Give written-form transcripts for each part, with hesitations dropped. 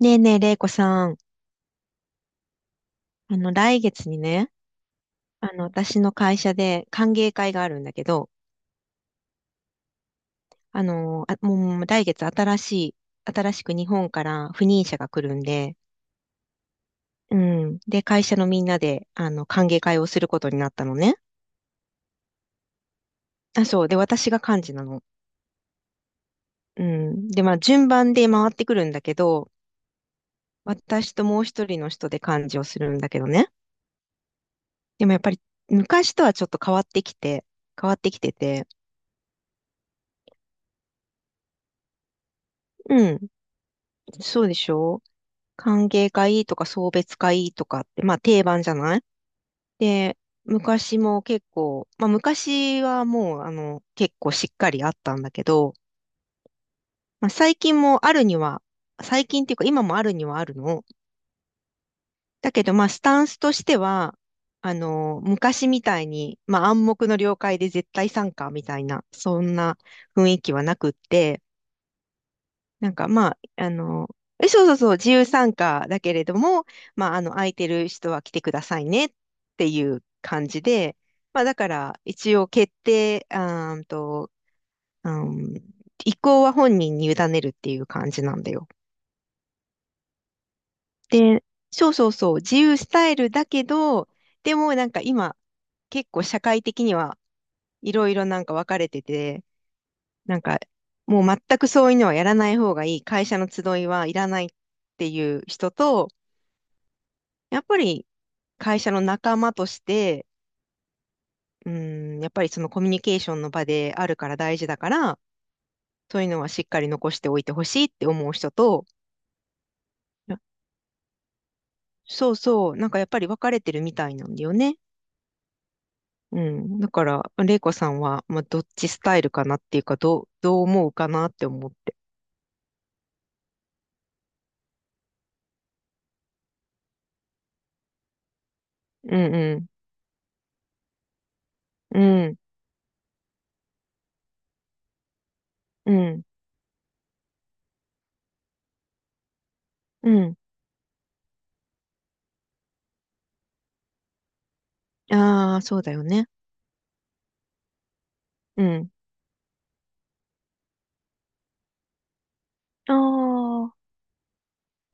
ねえねえ、れいこさん。来月にね、私の会社で歓迎会があるんだけど、もう来月新しい、新しく日本から赴任者が来るんで、うん。で、会社のみんなで、歓迎会をすることになったのね。あ、そう。で、私が幹事なの。うん。で、まあ、順番で回ってくるんだけど、私ともう一人の人で幹事をするんだけどね。でもやっぱり、昔とはちょっと変わってきて、変わってきてて、うん。そうでしょ？歓迎会とか送別会とかって、まあ定番じゃない？で、昔も結構、まあ昔はもう結構しっかりあったんだけど、まあ最近もあるには、最近っていうか今もあるにはあるの。だけどまあスタンスとしては、昔みたいに、まあ暗黙の了解で絶対参加みたいな、そんな雰囲気はなくって、なんかまあ、え、そうそうそう、自由参加だけれども、まあ、空いてる人は来てくださいねっていう感じで、まあ、だから、一応決定、あーんと、うん、意向は本人に委ねるっていう感じなんだよ。で、そうそうそう、自由スタイルだけど、でもなんか今、結構社会的にはいろいろなんか分かれてて、なんかもう全くそういうのはやらない方がいい、会社の集いはいらないっていう人と、やっぱり会社の仲間として、うん、やっぱりそのコミュニケーションの場であるから大事だから、そういうのはしっかり残しておいてほしいって思う人と、いや、そうそう、なんかやっぱり分かれてるみたいなんだよね。うん。だから、玲子さんは、まあ、どっちスタイルかなっていうか、どう、どう思うかなって思って。うんうん。うん。うん。うん。ああ、そうだよね。うん。ああ、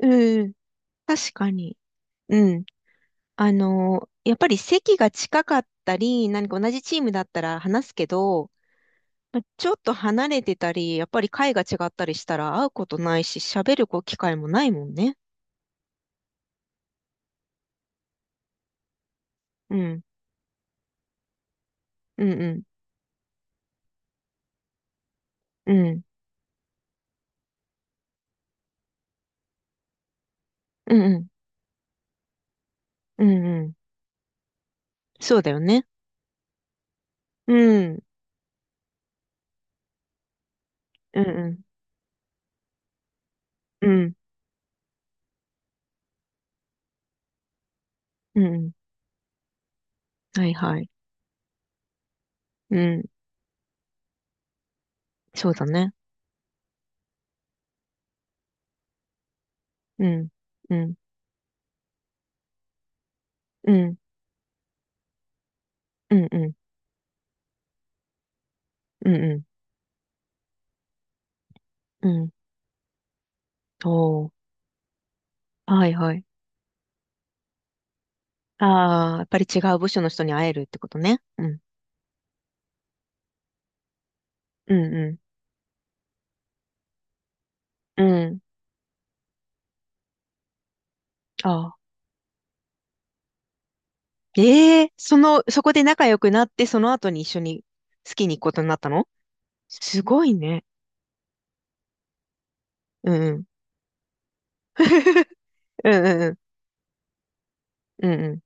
うん。確かに。うん。やっぱり席が近かったり、何か同じチームだったら話すけど、ま、ちょっと離れてたり、やっぱり会が違ったりしたら会うことないし、喋るこう機会もないもんね。うん。うんうん。うん。うんうん。うんうん。そうだよね。うん。うんうん。うん。うんうん。はいはい。うん。そうだね。うん。うん。うん。うんうん。うんうん。うん。おー。はいはい。ああ、やっぱり違う部署の人に会えるってことね。うん。うんうんうん。ああ。ええ、その、そこで仲良くなって、その後に一緒に好きに行くことになったの？すごいね。うん。うん。 うんうんうん。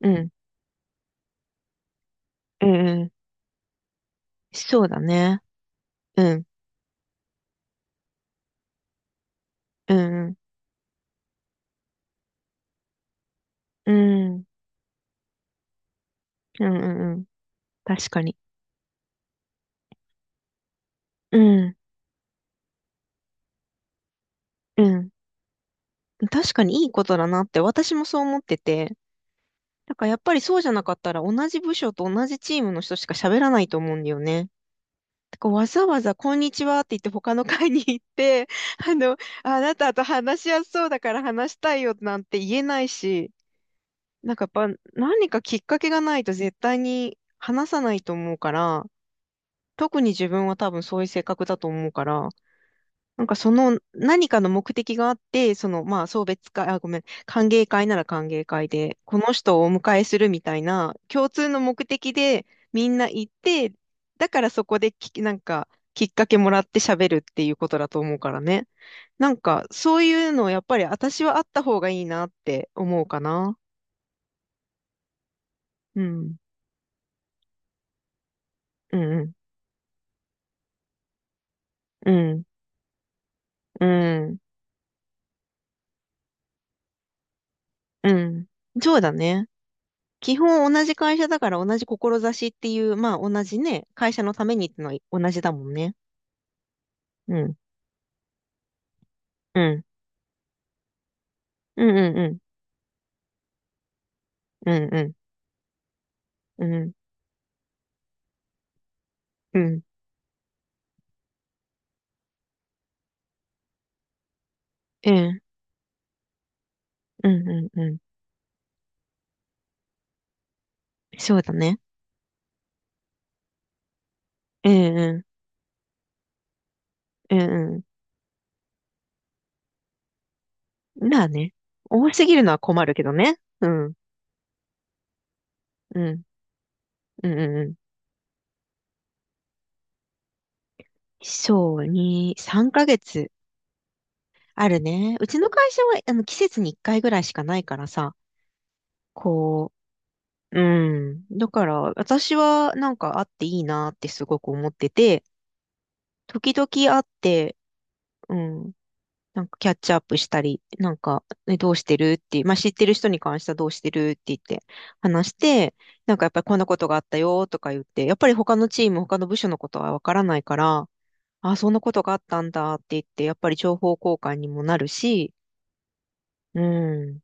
うんうん。うんうん。そうだね。うん。うんうん。うん。うんうんうん。確かに。うん。うん。確かにいいことだなって私もそう思ってて。だからやっぱりそうじゃなかったら同じ部署と同じチームの人しか喋らないと思うんだよね。こうわざわざこんにちはって言って他の会に行って、あの、あなたと話しやすそうだから話したいよなんて言えないし、なんかやっぱ何かきっかけがないと絶対に話さないと思うから、特に自分は多分そういう性格だと思うから、なんかその何かの目的があって、そのまあ送別会、あ、ごめん、歓迎会なら歓迎会で、この人をお迎えするみたいな共通の目的でみんな行って、だからそこでき、なんかきっかけもらって喋るっていうことだと思うからね。なんかそういうのやっぱり私はあった方がいいなって思うかな。うん。うんうん。うん。うん。うん。そうだね。基本同じ会社だから同じ志っていう、まあ同じね、会社のためにってのは同じだもんね。うん。うん。うんうんうん。うんうん。うん。うん。えん、うんうんうん。そうだね。えん、うん。えん、うん。まあね。多すぎるのは困るけどね。うん。うん。うんうんうん。そう、に、3ヶ月あるね。うちの会社は、季節に1回ぐらいしかないからさ、こうん。だから、私はなんかあっていいなってすごく思ってて、時々会って、うん、なんかキャッチアップしたり、なんか、ね、どうしてるって、まあ、知ってる人に関してはどうしてるって言って話して、なんかやっぱりこんなことがあったよとか言って、やっぱり他のチーム、他の部署のことはわからないから、あ、そんなことがあったんだって言って、やっぱり情報交換にもなるし、うん。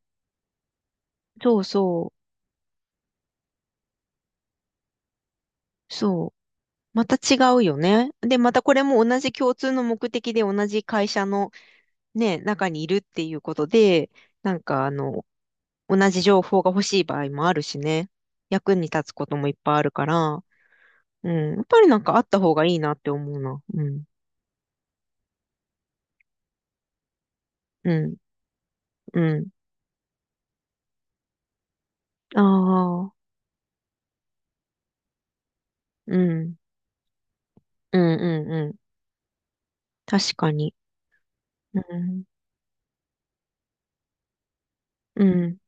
そうそう。そう、また違うよね。で、またこれも同じ共通の目的で同じ会社のね、中にいるっていうことで、なんかあの、同じ情報が欲しい場合もあるしね。役に立つこともいっぱいあるから、うん。やっぱりなんかあった方がいいなって思うな。うん。うん。うん。ああ。うん。うんうんうん。確かに。うん。うん。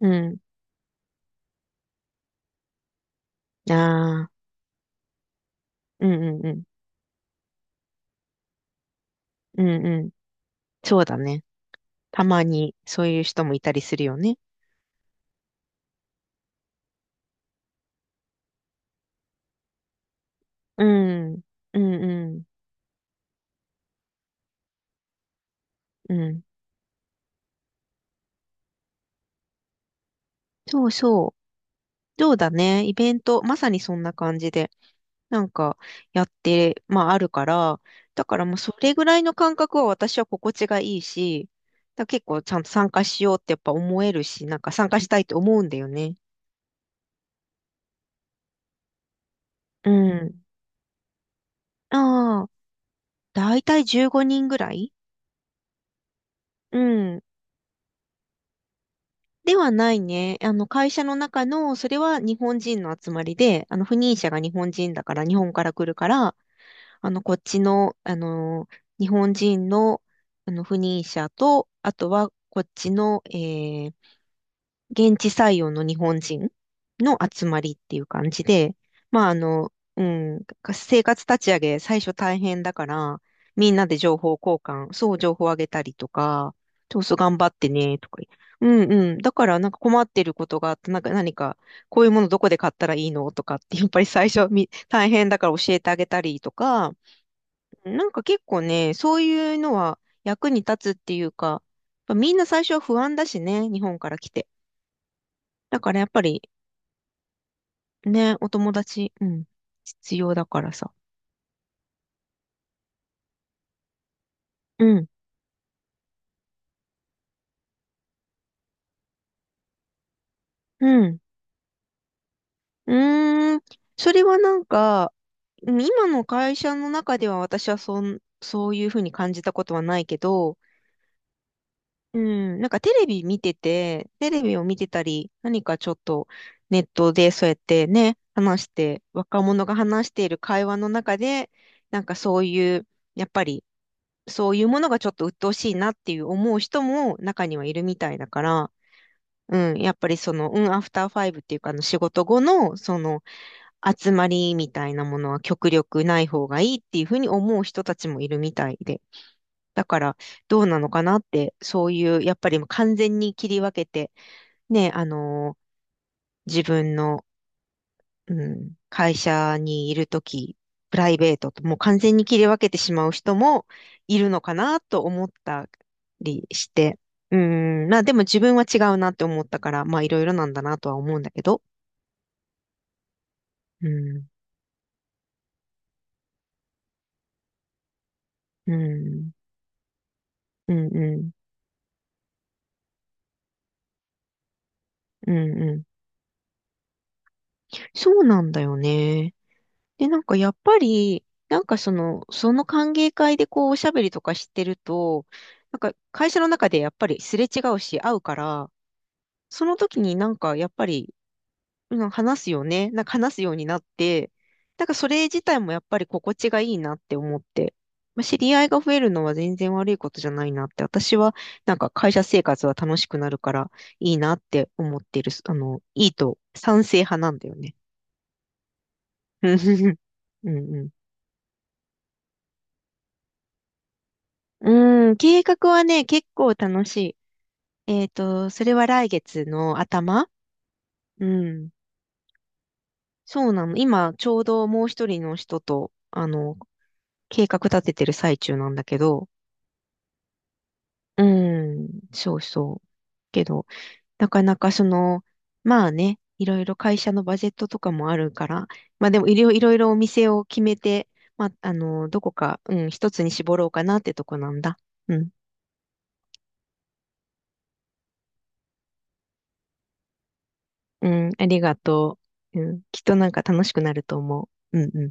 うん。ああ。うんうんうん。うんうん。そうだね。たまにそういう人もいたりするよね。うん、うん、うん、うん。そうそう。そうだね。イベント、まさにそんな感じで、なんか、やって、まあ、あるから、だからもうそれぐらいの感覚は私は心地がいいし、だ結構ちゃんと参加しようってやっぱ思えるし、なんか参加したいと思うんだよね。うん。ああ、だいたい15人ぐらい。うん。ではないね。会社の中の、それは日本人の集まりで、赴任者が日本人だから、日本から来るから、こっちの、日本人の、不妊者と、あとは、こっちの、えー、現地採用の日本人の集まりっていう感じで、まあ、うん、生活立ち上げ、最初大変だから、みんなで情報交換、そう、情報あげたりとか、そうそう、頑張ってね、とか。うんうん。だから、なんか困ってることがあって、なんか何か、こういうものどこで買ったらいいのとかって、やっぱり最初み、大変だから教えてあげたりとか、なんか結構ね、そういうのは役に立つっていうか、やっぱみんな最初は不安だしね、日本から来て。だからやっぱりね、お友達、うん、必要だからさ。うん、うん。うーん、それはなんか、今の会社の中では私はそん、そういうふうに感じたことはないけど、うん、なんかテレビ見てて、テレビを見てたり、何かちょっとネットでそうやってね、話して、若者が話している会話の中で、なんかそういう、やっぱりそういうものがちょっと鬱陶しいなっていう思う人も中にはいるみたいだから、うん、やっぱりその、うん、アフターファイブっていうか、あの仕事後の、その、集まりみたいなものは極力ない方がいいっていうふうに思う人たちもいるみたいで。だから、どうなのかなって、そういう、やっぱりもう完全に切り分けて、ね、自分の、うん、会社にいるとき、プライベートと、もう完全に切り分けてしまう人もいるのかなと思ったりして、うん、まあでも自分は違うなって思ったから、まあいろいろなんだなとは思うんだけど、うん、うん、うん、うん、うん、うん。そうなんだよね。で、なんかやっぱり、なんかその、その歓迎会でこうおしゃべりとかしてると、なんか会社の中でやっぱりすれ違うし会うから、その時になんかやっぱり、うん、話すよね。なんか話すようになって、なんかそれ自体もやっぱり心地がいいなって思って、まあ、知り合いが増えるのは全然悪いことじゃないなって、私はなんか会社生活は楽しくなるからいいなって思ってる、いいと賛成派なんだよね。うんうんうん、計画はね、結構楽しい。えっと、それは来月の頭。うん。そうなの。今、ちょうどもう一人の人と、計画立ててる最中なんだけど、うん、そうそう。けど、なかなかその、まあね、いろいろ会社のバジェットとかもあるから、まあでもいろいろいろお店を決めて、まあ、どこか、うん、一つに絞ろうかなってとこなんだ。うん。うん、ありがとう。うん、きっとなんか楽しくなると思う。うんうん。